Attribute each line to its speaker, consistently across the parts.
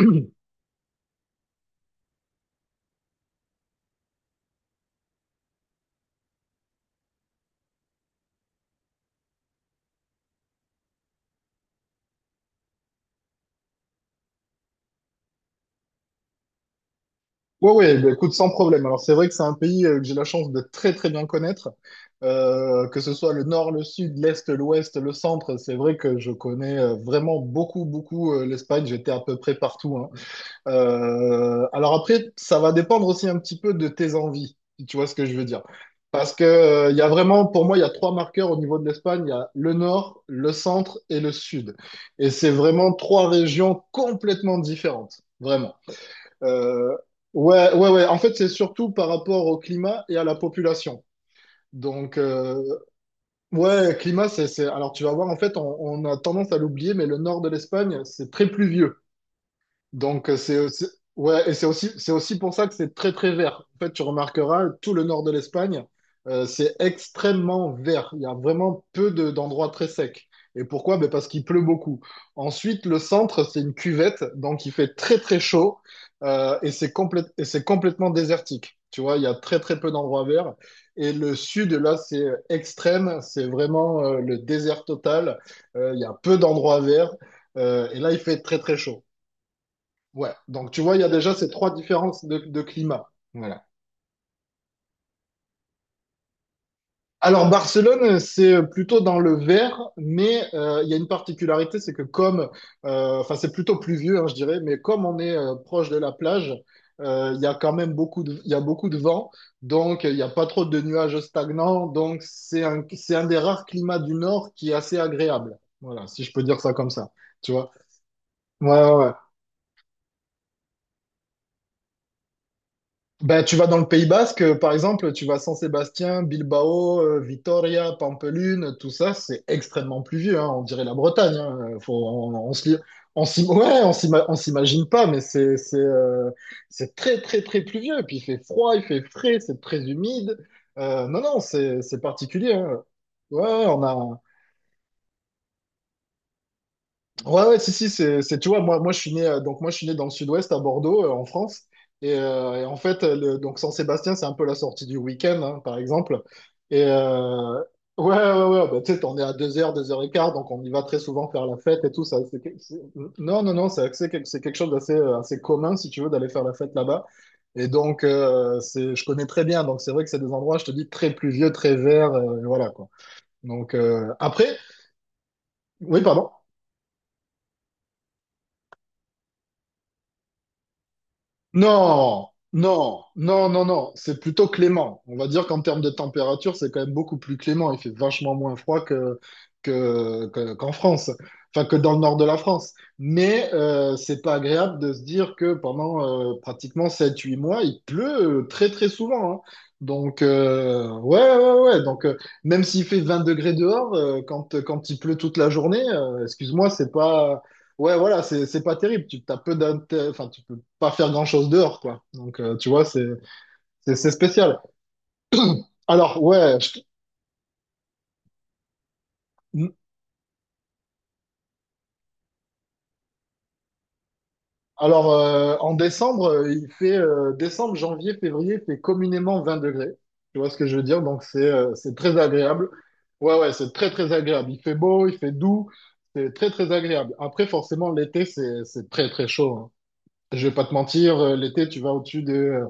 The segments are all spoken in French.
Speaker 1: Ouais, ouais, bah, écoute, sans problème. Alors, c'est vrai que c'est un pays que j'ai la chance de très, très bien connaître. Que ce soit le nord, le sud, l'est, l'ouest, le centre, c'est vrai que je connais vraiment beaucoup, beaucoup, l'Espagne. J'étais à peu près partout, hein. Alors après, ça va dépendre aussi un petit peu de tes envies, si tu vois ce que je veux dire. Parce que, il y a vraiment, pour moi, il y a trois marqueurs au niveau de l'Espagne. Il y a le nord, le centre et le sud. Et c'est vraiment trois régions complètement différentes. Vraiment. Euh, ouais, ouais, ouais. En fait, c'est surtout par rapport au climat et à la population. Donc, ouais, climat, c'est... Alors, tu vas voir, en fait, on a tendance à l'oublier, mais le nord de l'Espagne, c'est très pluvieux. Donc, c'est aussi, ouais, et c'est aussi pour ça que c'est très, très vert. En fait, tu remarqueras, tout le nord de l'Espagne, c'est extrêmement vert. Il y a vraiment d'endroits très secs. Et pourquoi? Ben, parce qu'il pleut beaucoup. Ensuite, le centre, c'est une cuvette, donc il fait très, très chaud, et c'est complètement désertique. Tu vois, il y a très, très peu d'endroits verts. Et le sud, là, c'est extrême, c'est vraiment, le désert total. Il y a peu d'endroits verts, et là, il fait très, très chaud. Ouais, donc tu vois, il y a déjà ces trois différences de climat. Voilà. Alors Barcelone, c'est plutôt dans le vert, mais il y a une particularité, c'est que comme, enfin c'est plutôt pluvieux, hein, je dirais, mais comme on est proche de la plage, il y a quand même beaucoup de, il y a beaucoup de vent, donc il n'y a pas trop de nuages stagnants, donc c'est un des rares climats du nord qui est assez agréable. Voilà, si je peux dire ça comme ça. Tu vois? Ouais, ouais, ouais. Ben, tu vas dans le Pays Basque, par exemple, tu vas Saint Sébastien, Bilbao, Vitoria, Pampelune, tout ça, c'est extrêmement pluvieux, hein, on dirait la Bretagne, hein, on se ouais, on s'imagine pas, mais c'est très, très, très pluvieux. Puis il fait froid, il fait frais, c'est très humide. Non, non, c'est particulier, hein. Ouais, ouais, on a, ouais, ouais, si, si, tu vois, moi, je suis né, moi, je suis né dans le sud-ouest, à Bordeaux, en France. Et, en fait, Saint-Sébastien, c'est un peu la sortie du week-end, hein, par exemple. Et, ouais, ouais, ouais, bah, tu sais, on est à 2 heures et quart, donc on y va très souvent faire la fête et tout. Ça, non, non, non, c'est quelque chose d'assez, assez commun, si tu veux, d'aller faire la fête là-bas. Et donc, c'est, je connais très bien. Donc, c'est vrai que c'est des endroits, je te dis, très pluvieux, très verts, voilà, quoi. Donc, après, oui, pardon. Non, non, non, non, non, c'est plutôt clément. On va dire qu'en termes de température, c'est quand même beaucoup plus clément. Il fait vachement moins froid qu'en France, enfin que dans le nord de la France. Mais c'est pas agréable de se dire que pendant pratiquement 7, 8 mois, il pleut très très souvent, hein. Donc, ouais, ouais, ouais, ouais. Donc, même s'il fait 20 degrés dehors, quand, quand il pleut toute la journée, excuse-moi, c'est pas. Ouais, voilà, c'est pas terrible. Tu T'as peu enfin, tu peux pas faire grand-chose dehors, quoi. Donc, tu vois, c'est spécial. Alors, ouais, alors en décembre, il fait décembre, janvier, février, il fait communément 20 degrés. Tu vois ce que je veux dire? Donc, c'est très agréable. Ouais, ouais, c'est très très agréable. Il fait beau, il fait doux, c'est très très agréable. Après, forcément, l'été, c'est très très chaud, hein. Je vais pas te mentir, l'été, tu vas au-dessus de euh,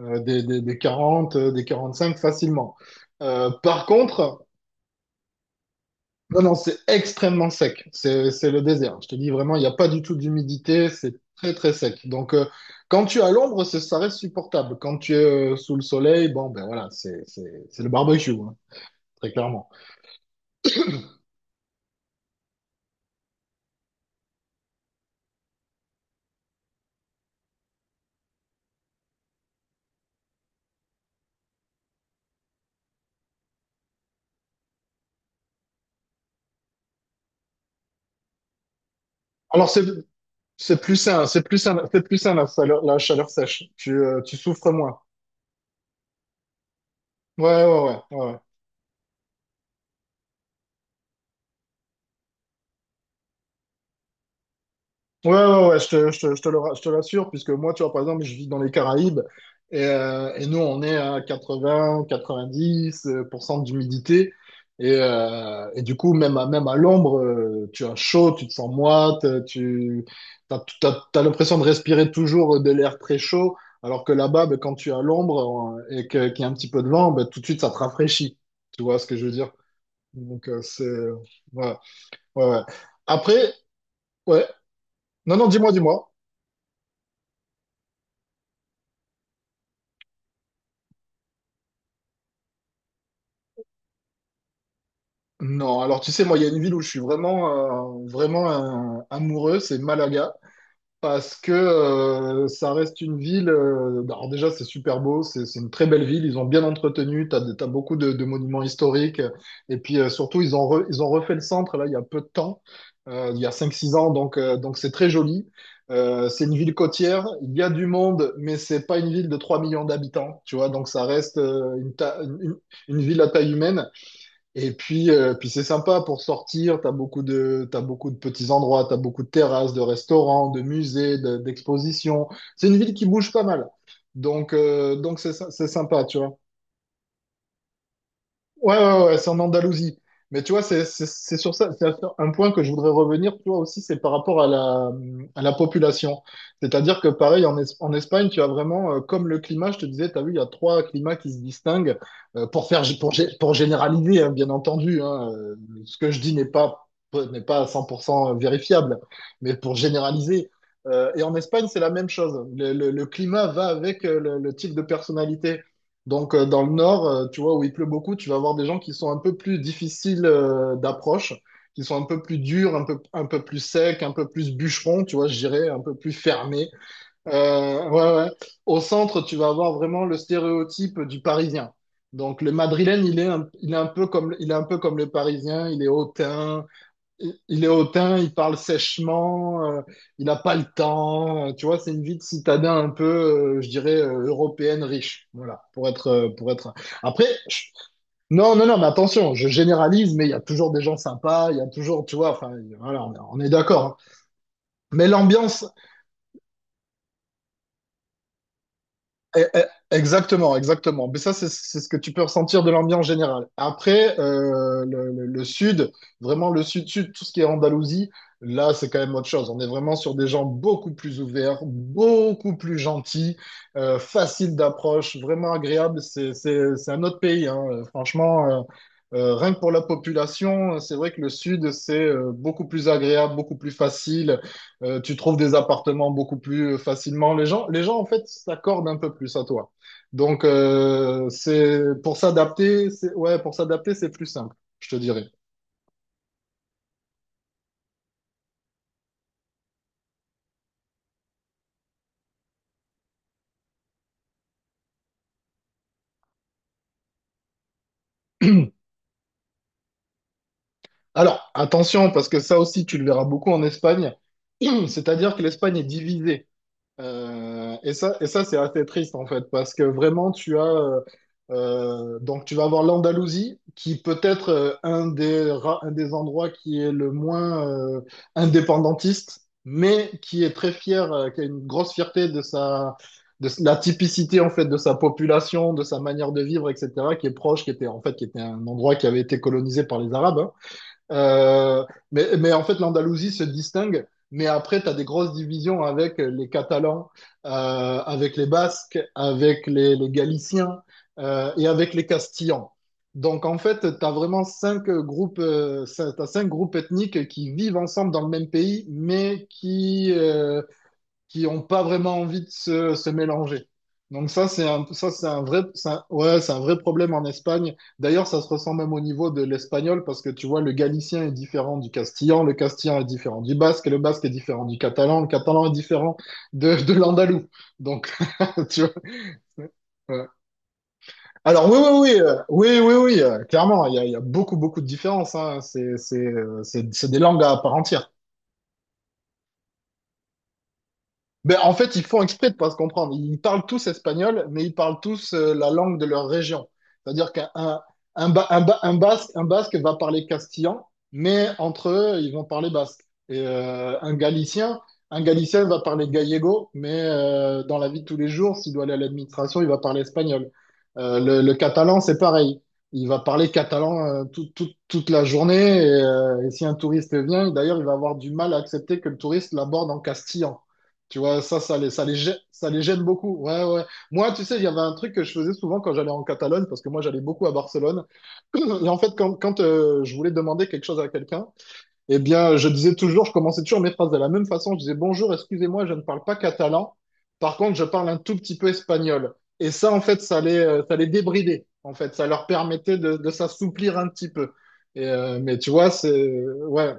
Speaker 1: euh, des 40 des 45 facilement. Par contre, non, non, c'est extrêmement sec. C'est le désert. Je te dis vraiment, il n'y a pas du tout d'humidité. C'est très, très sec. Donc, quand tu es à l'ombre, ça reste supportable. Quand tu es sous le soleil, bon, ben voilà, c'est le barbecue, hein, très clairement. Alors, c'est plus sain, c'est plus sain, c'est plus sain la chaleur sèche. Tu souffres moins. Ouais, ouais, ouais, ouais, ouais. Ouais, ouais, ouais, je te le, je te l'assure, puisque moi, tu vois, par exemple, je vis dans les Caraïbes et, nous, on est à quatre-vingt quatre-vingt-dix pour cent d'humidité. Et, du coup, même à l'ombre, tu as chaud, tu te sens moite, t'as l'impression de respirer toujours de l'air très chaud, alors que là-bas, ben, quand tu es à l'ombre et qu'il y a un petit peu de vent, ben, tout de suite, ça te rafraîchit. Tu vois ce que je veux dire? Donc, c'est... Ouais, ouais, ouais. Après, ouais. Non, non, dis-moi, dis-moi. Non, alors tu sais, moi, il y a une ville où je suis vraiment, vraiment amoureux, c'est Malaga, parce que ça reste une ville. Bah, alors déjà, c'est super beau, c'est une très belle ville. Ils ont bien entretenu, t'as, t'as beaucoup de monuments historiques, et puis surtout, ils ont refait le centre là il y a peu de temps, il y a 5 6 ans, donc c'est très joli. C'est une ville côtière, il y a du monde, mais c'est pas une ville de 3 millions d'habitants, tu vois, donc ça reste une ville à taille humaine. Et puis, puis c'est sympa pour sortir. T'as beaucoup de petits endroits, t'as beaucoup de terrasses, de restaurants, de musées, d'expositions. C'est une ville qui bouge pas mal. Donc c'est, c'est sympa, tu vois. Ouais, ouais, ouais, c'est en Andalousie. Mais tu vois, c'est sur ça, c'est un point que je voudrais revenir, tu vois, aussi, c'est par rapport à la population. C'est-à-dire que, pareil, en Espagne, tu as vraiment, comme le climat, je te disais, tu as vu, il y a trois climats qui se distinguent, pour faire, pour généraliser, hein, bien entendu, hein, ce que je dis n'est pas, n'est pas à 100% vérifiable, mais pour généraliser. Et en Espagne, c'est la même chose. Le climat va avec le type de personnalité. Donc, dans le nord, tu vois, où il pleut beaucoup, tu vas avoir des gens qui sont un peu plus difficiles d'approche, qui sont un peu plus durs, un peu plus secs, un peu plus bûcherons, tu vois, je dirais, un peu plus fermés. Ouais, ouais. Au centre, tu vas avoir vraiment le stéréotype du Parisien. Donc, le Madrilène, il est un peu comme, il est un peu comme le Parisien, il est hautain, il est hautain, il parle sèchement, il n'a pas le temps. Tu vois, c'est une vie de citadin un peu, je dirais, européenne riche. Voilà, pour être, pour être. Après, non, non, non, mais attention, je généralise, mais il y a toujours des gens sympas, il y a toujours, tu vois, enfin, voilà, on est d'accord, hein. Mais l'ambiance, eh, eh, exactement, exactement. Mais ça, c'est ce que tu peux ressentir de l'ambiance générale. Après, le sud, vraiment le sud-sud, tout ce qui est Andalousie, là, c'est quand même autre chose. On est vraiment sur des gens beaucoup plus ouverts, beaucoup plus gentils, faciles d'approche, vraiment agréables. C'est un autre pays, hein. Franchement, rien que pour la population, c'est vrai que le sud, c'est beaucoup plus agréable, beaucoup plus facile. Tu trouves des appartements beaucoup plus facilement. Les gens en fait, s'accordent un peu plus à toi. Donc, c'est pour s'adapter, c'est ouais, pour s'adapter, c'est plus simple, je te dirais. Alors, attention, parce que ça aussi, tu le verras beaucoup en Espagne. C'est-à-dire que l'Espagne est divisée. Et ça, et ça c'est assez triste en fait, parce que vraiment tu as donc tu vas avoir l'Andalousie qui peut être un des un des endroits qui est le moins indépendantiste, mais qui est très fier, qui a une grosse fierté de la typicité en fait de sa population, de sa manière de vivre, etc. Qui est proche, qui était un endroit qui avait été colonisé par les Arabes. Euh, mais en fait, l'Andalousie se distingue. Mais après, tu as des grosses divisions avec les Catalans, avec les Basques, avec les Galiciens et avec les Castillans. Donc en fait, tu as vraiment cinq groupes, t'as cinq groupes ethniques qui vivent ensemble dans le même pays, mais qui n'ont pas vraiment envie de se mélanger. Donc ça, ça, ouais, c'est un vrai problème en Espagne. D'ailleurs, ça se ressent même au niveau de l'espagnol parce que tu vois, le galicien est différent du castillan, le castillan est différent du basque, et le basque est différent du catalan, le catalan est différent de l'andalou. Donc, tu vois. Ouais. Alors oui, oui, oui, clairement, il y a beaucoup de différences, hein. C'est des langues à part entière. Ben, en fait, ils font exprès de pas se comprendre. Ils parlent tous espagnol, mais ils parlent tous la langue de leur région. C'est-à-dire qu'un un, Ba- un Ba- un basque va parler castillan, mais entre eux, ils vont parler basque. Et un galicien va parler gallego, mais dans la vie de tous les jours, s'il doit aller à l'administration, il va parler espagnol. Le catalan, c'est pareil. Il va parler catalan toute la journée. Et si un touriste vient, d'ailleurs, il va avoir du mal à accepter que le touriste l'aborde en castillan. Tu vois, ça ça les gêne beaucoup. Ouais, ouais. Moi, tu sais, il y avait un truc que je faisais souvent quand j'allais en Catalogne, parce que moi, j'allais beaucoup à Barcelone. Et en fait, quand je voulais demander quelque chose à quelqu'un, eh bien, je disais toujours, je commençais toujours mes phrases de la même façon. Je disais, bonjour, excusez-moi, je ne parle pas catalan. Par contre, je parle un tout petit peu espagnol. Et ça, en fait, ça les débridait. En fait, ça leur permettait de s'assouplir un petit peu. Et, ouais.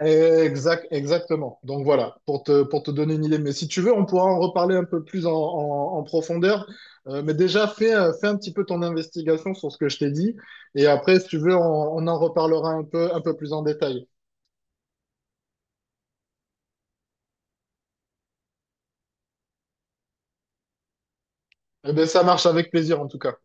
Speaker 1: Exact, exactement. Donc voilà, pour te donner une idée. Mais si tu veux, on pourra en reparler un peu plus en profondeur. Mais déjà, fais un petit peu ton investigation sur ce que je t'ai dit. Et après, si tu veux, on en reparlera un peu plus en détail. Eh ben ça marche, avec plaisir en tout cas.